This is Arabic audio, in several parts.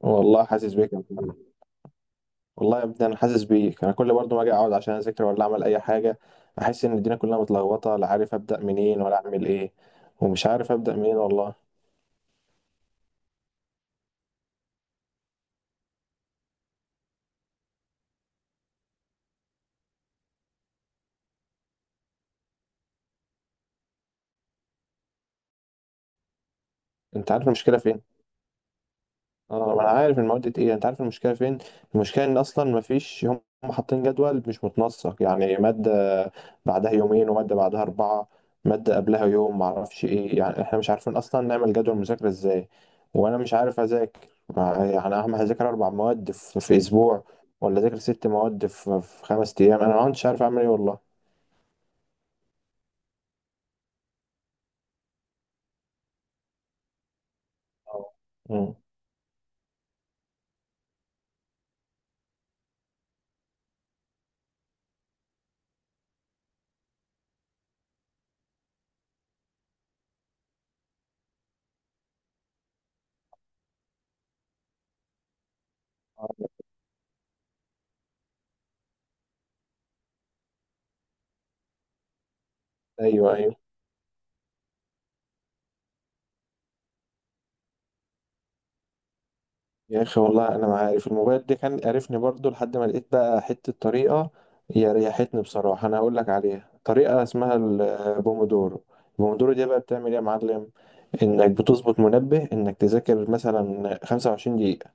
والله حاسس بيك يا محمد. والله يا ابني، انا حاسس بيك. انا كل برضه ما اجي اقعد عشان اذاكر ولا اعمل اي حاجه، احس ان الدنيا كلها متلخبطه، لا عارف ابدا منين ولا اعمل ايه. ومش عارف ابدا منين والله. انت عارف المشكله فين؟ اه، ما انا عارف المواد دي تقيلة. انت عارف المشكلة فين؟ المشكلة ان اصلا ما فيش هم حاطين جدول مش متنسق. يعني مادة بعدها يومين، ومادة بعدها اربعة، مادة قبلها يوم، ما اعرفش ايه. يعني احنا مش عارفين اصلا نعمل جدول مذاكرة ازاي. وانا مش عارف اذاكر. يعني اهم هذاكر 4 مواد في اسبوع، ولا اذاكر 6 مواد في 5 ايام. انا ما كنتش عارف اعمل ايه والله. أو- مم. أو- ايوه، ايوه. يا اخي والله انا ما عارف الموبايل ده كان قرفني برضو، لحد ما لقيت بقى حته طريقه هي ريحتني بصراحه. انا هقول لك عليها، طريقه اسمها البومودورو. البومودورو دي بقى بتعمل ايه يا معلم؟ انك بتظبط منبه انك تذاكر مثلا 25 دقيقه،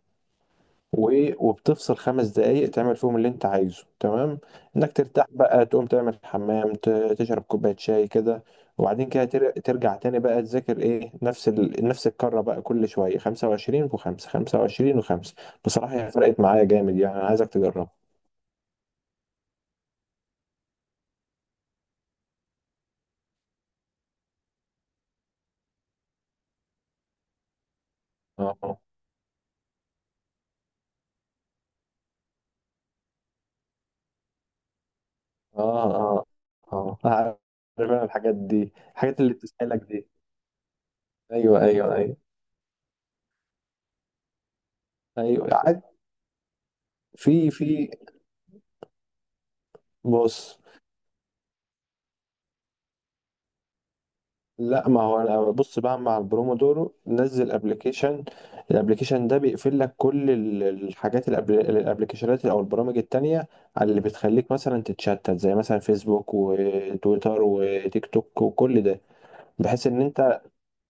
وبتفصل 5 دقايق تعمل فيهم اللي انت عايزه. تمام، انك ترتاح بقى، تقوم تعمل حمام، تشرب كوباية شاي كده. وبعدين كده ترجع تاني بقى تذاكر. ايه، نفس الكرة بقى، كل شوية 25 و5، 25 و5. بصراحة هي فرقت معايا جامد، يعني انا عايزك تجربها. اه، اه، اه، اه، عارف. انا الحاجات دي الحاجات اللي بتسألك دي. ايوه، ايوه، ايوه. ايوه، في بص. لا، ما هو انا بص بقى. مع البرومودورو نزل ابلكيشن. الابلكيشن ده بيقفل لك كل الحاجات، الابلكيشنات او البرامج التانية، على اللي بتخليك مثلا تتشتت، زي مثلا فيسبوك وتويتر وتيك توك وكل ده، بحيث ان انت.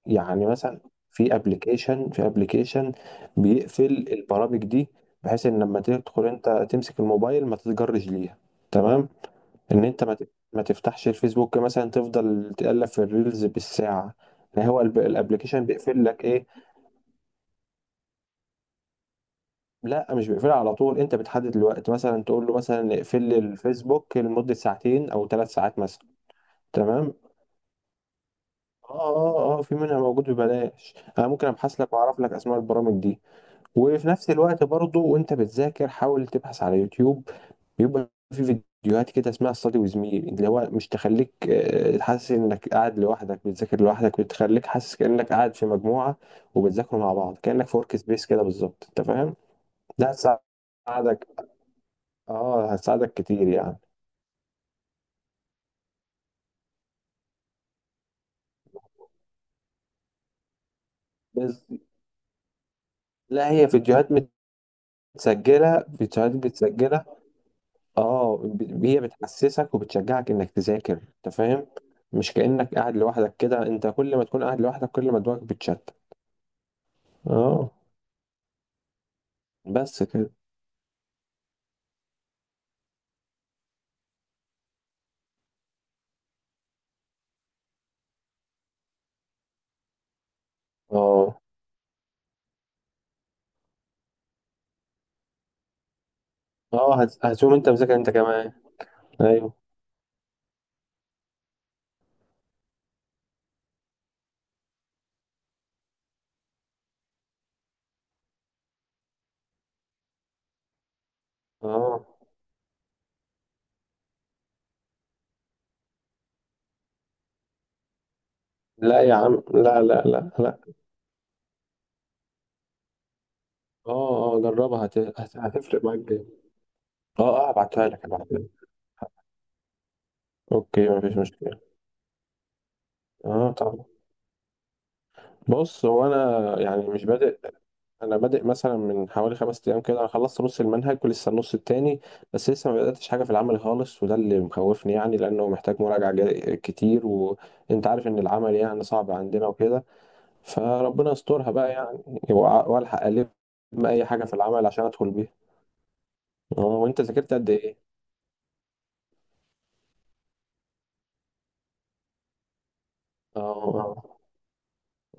يعني مثلا، في ابلكيشن بيقفل البرامج دي، بحيث ان لما تدخل انت تمسك الموبايل ما تتجرش ليها. تمام، ان انت ما تفتحش الفيسبوك، مثلا تفضل تقلب في الريلز بالساعه. يعني هو الابليكيشن بيقفل لك ايه. لا، مش بيقفلها على طول، انت بتحدد الوقت، مثلا تقول له مثلا اقفل لي الفيسبوك لمده ساعتين او 3 ساعات مثلا. تمام. اه، اه، اه، في منها موجود ببلاش. انا ممكن ابحث لك واعرف لك اسماء البرامج دي. وفي نفس الوقت برضه وانت بتذاكر حاول تبحث على يوتيوب. بيبقى في فيديوهات كده اسمها ستادي ويز مي، اللي هو مش تخليك حاسس انك قاعد لوحدك بتذاكر لوحدك، بتخليك حاسس كأنك قاعد في مجموعة وبتذاكروا مع بعض، كأنك في ورك سبيس كده بالظبط، انت فاهم. ده هتساعدك. اه، هتساعدك كتير يعني. بس لا، هي فيديوهات متسجلة، فيديوهات متسجلة. اه، هي بتحسسك وبتشجعك انك تذاكر، انت فاهم. مش كأنك قاعد لوحدك كده، انت كل ما تكون قاعد لوحدك كل ما دماغك بتشتت. اه، بس كده. اه، اه، هتقوم انت مذاكر انت كمان. ايوه، اه. لا يا عم، لا، لا، لا، لا. اه، اه، جربها، هت... هت... هتفرق معاك جامد. اه، اه، هبعتها لك، هبعتها لك. اوكي، مفيش مشكلة. اه، طبعا. بص، هو انا يعني مش بادئ. انا بادئ مثلا من حوالي 5 ايام كده. انا خلصت نص المنهج ولسه النص التاني، بس لسه ما بداتش حاجه في العمل خالص، وده اللي مخوفني يعني، لانه محتاج مراجعه كتير، وانت عارف ان العمل يعني صعب عندنا وكده. فربنا يسترها بقى يعني. وأ- والحق الم اي حاجه في العمل عشان ادخل بيها. اه، وانت ذاكرت قد ايه؟ اه، اه،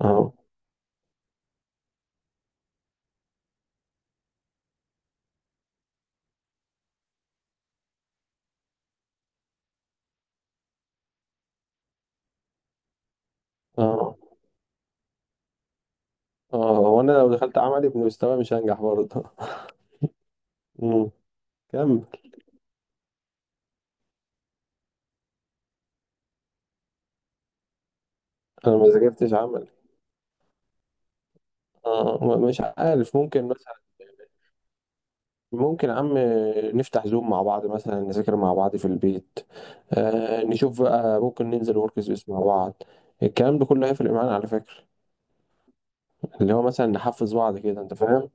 اه، اه، اه. وانا لو دخلت عملي بمستوى مش هنجح برضه. أمم، كمل. انا ما ذاكرتش عمل. اه، مش عارف. ممكن مثلا، ممكن يا عم نفتح زوم مع بعض مثلا، نذاكر مع بعض في البيت. نشوف بقى ممكن ننزل ورك سبيس مع بعض. الكلام ده كله هيفرق معانا على فكرة. اللي هو مثلا نحفز بعض كده، انت فاهم.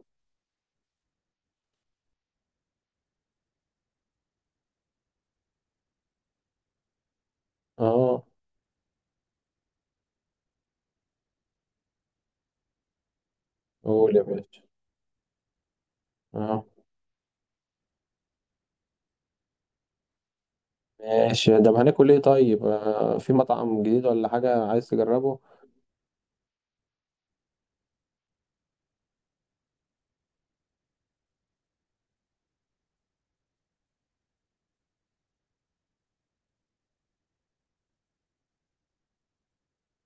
اه، قول يا باشا. اه، ماشي. طب هناكل ايه طيب؟ في مطعم جديد ولا حاجة عايز تجربه؟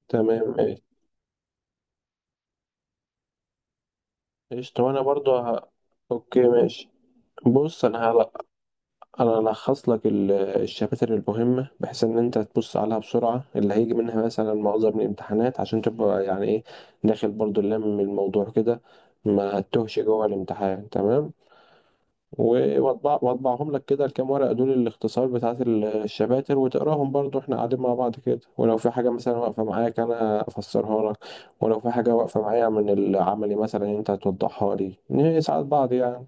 تمام، ماشي. قشطة، وانا برضو اوكي ماشي. بص، انا الخص لك الشباتر المهمه، بحيث ان انت تبص عليها بسرعه، اللي هيجي منها مثلا معظم الامتحانات، عشان تبقى يعني ايه، داخل برضو. لم الموضوع كده، ما تتوهش جوه الامتحان. تمام. واطبع واطبعهم لك كده الكام ورقه دول، الاختصار بتاعت الشباتر، وتقراهم برضو احنا قاعدين مع بعض كده، ولو في حاجه مثلا واقفه معاك انا افسرها لك، ولو في حاجه واقفه معايا من العملي مثلا انت هتوضحها لي. نساعد بعض يعني.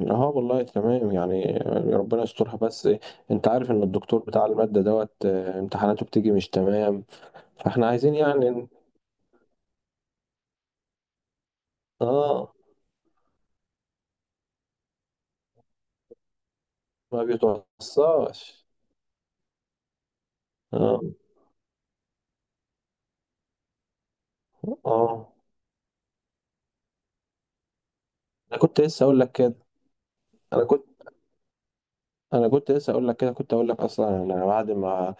اه والله تمام يعني. ربنا يسترها، بس انت عارف ان الدكتور بتاع المادة دوت امتحاناته بتيجي مش تمام. فاحنا عايزين يعني اه، ما بيتوصاش. اه، اه، انا كنت لسه اقول لك كده. انا كنت انا كنت لسه اقول لك كده. كنت اقول لك اصلا، انا بعد ما،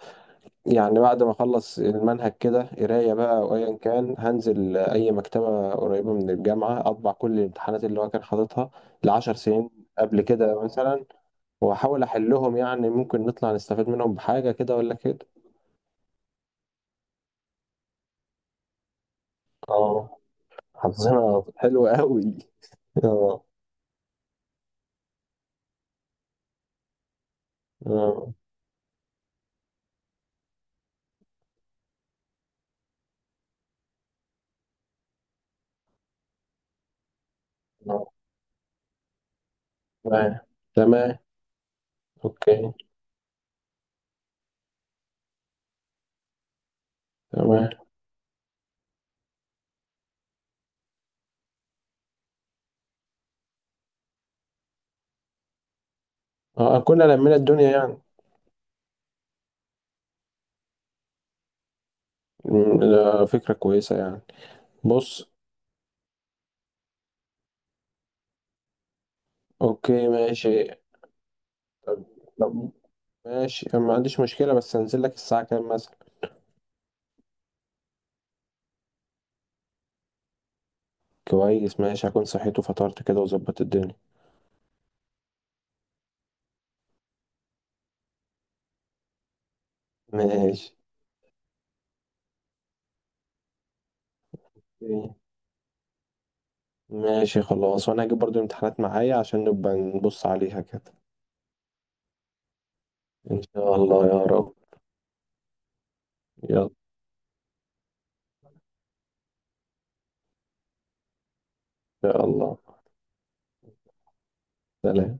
يعني بعد ما اخلص المنهج كده قرايه بقى او ايا كان، هنزل اي مكتبه قريبه من الجامعه اطبع كل الامتحانات اللي هو كان حاططها لـ10 سنين قبل كده مثلا، واحاول احلهم. يعني ممكن نطلع نستفاد منهم بحاجه كده ولا كده. اه، حظنا حلو قوي. اه، اه، آه. تمام، تمام، اوكي، تمام. اه، كنا لمينا الدنيا يعني. ده فكره كويسه يعني. بص، اوكي ماشي. طب طب ماشي، أنا ما عنديش مشكله، بس هنزل لك الساعه كام مثلا؟ كويس ماشي، هكون صحيت وفطرت كده وظبطت الدنيا. ماشي. ماشي خلاص، وانا هجيب برضو الامتحانات معايا عشان نبقى نبص عليها كده. إن شاء الله يا رب. يلا إن شاء الله. سلام.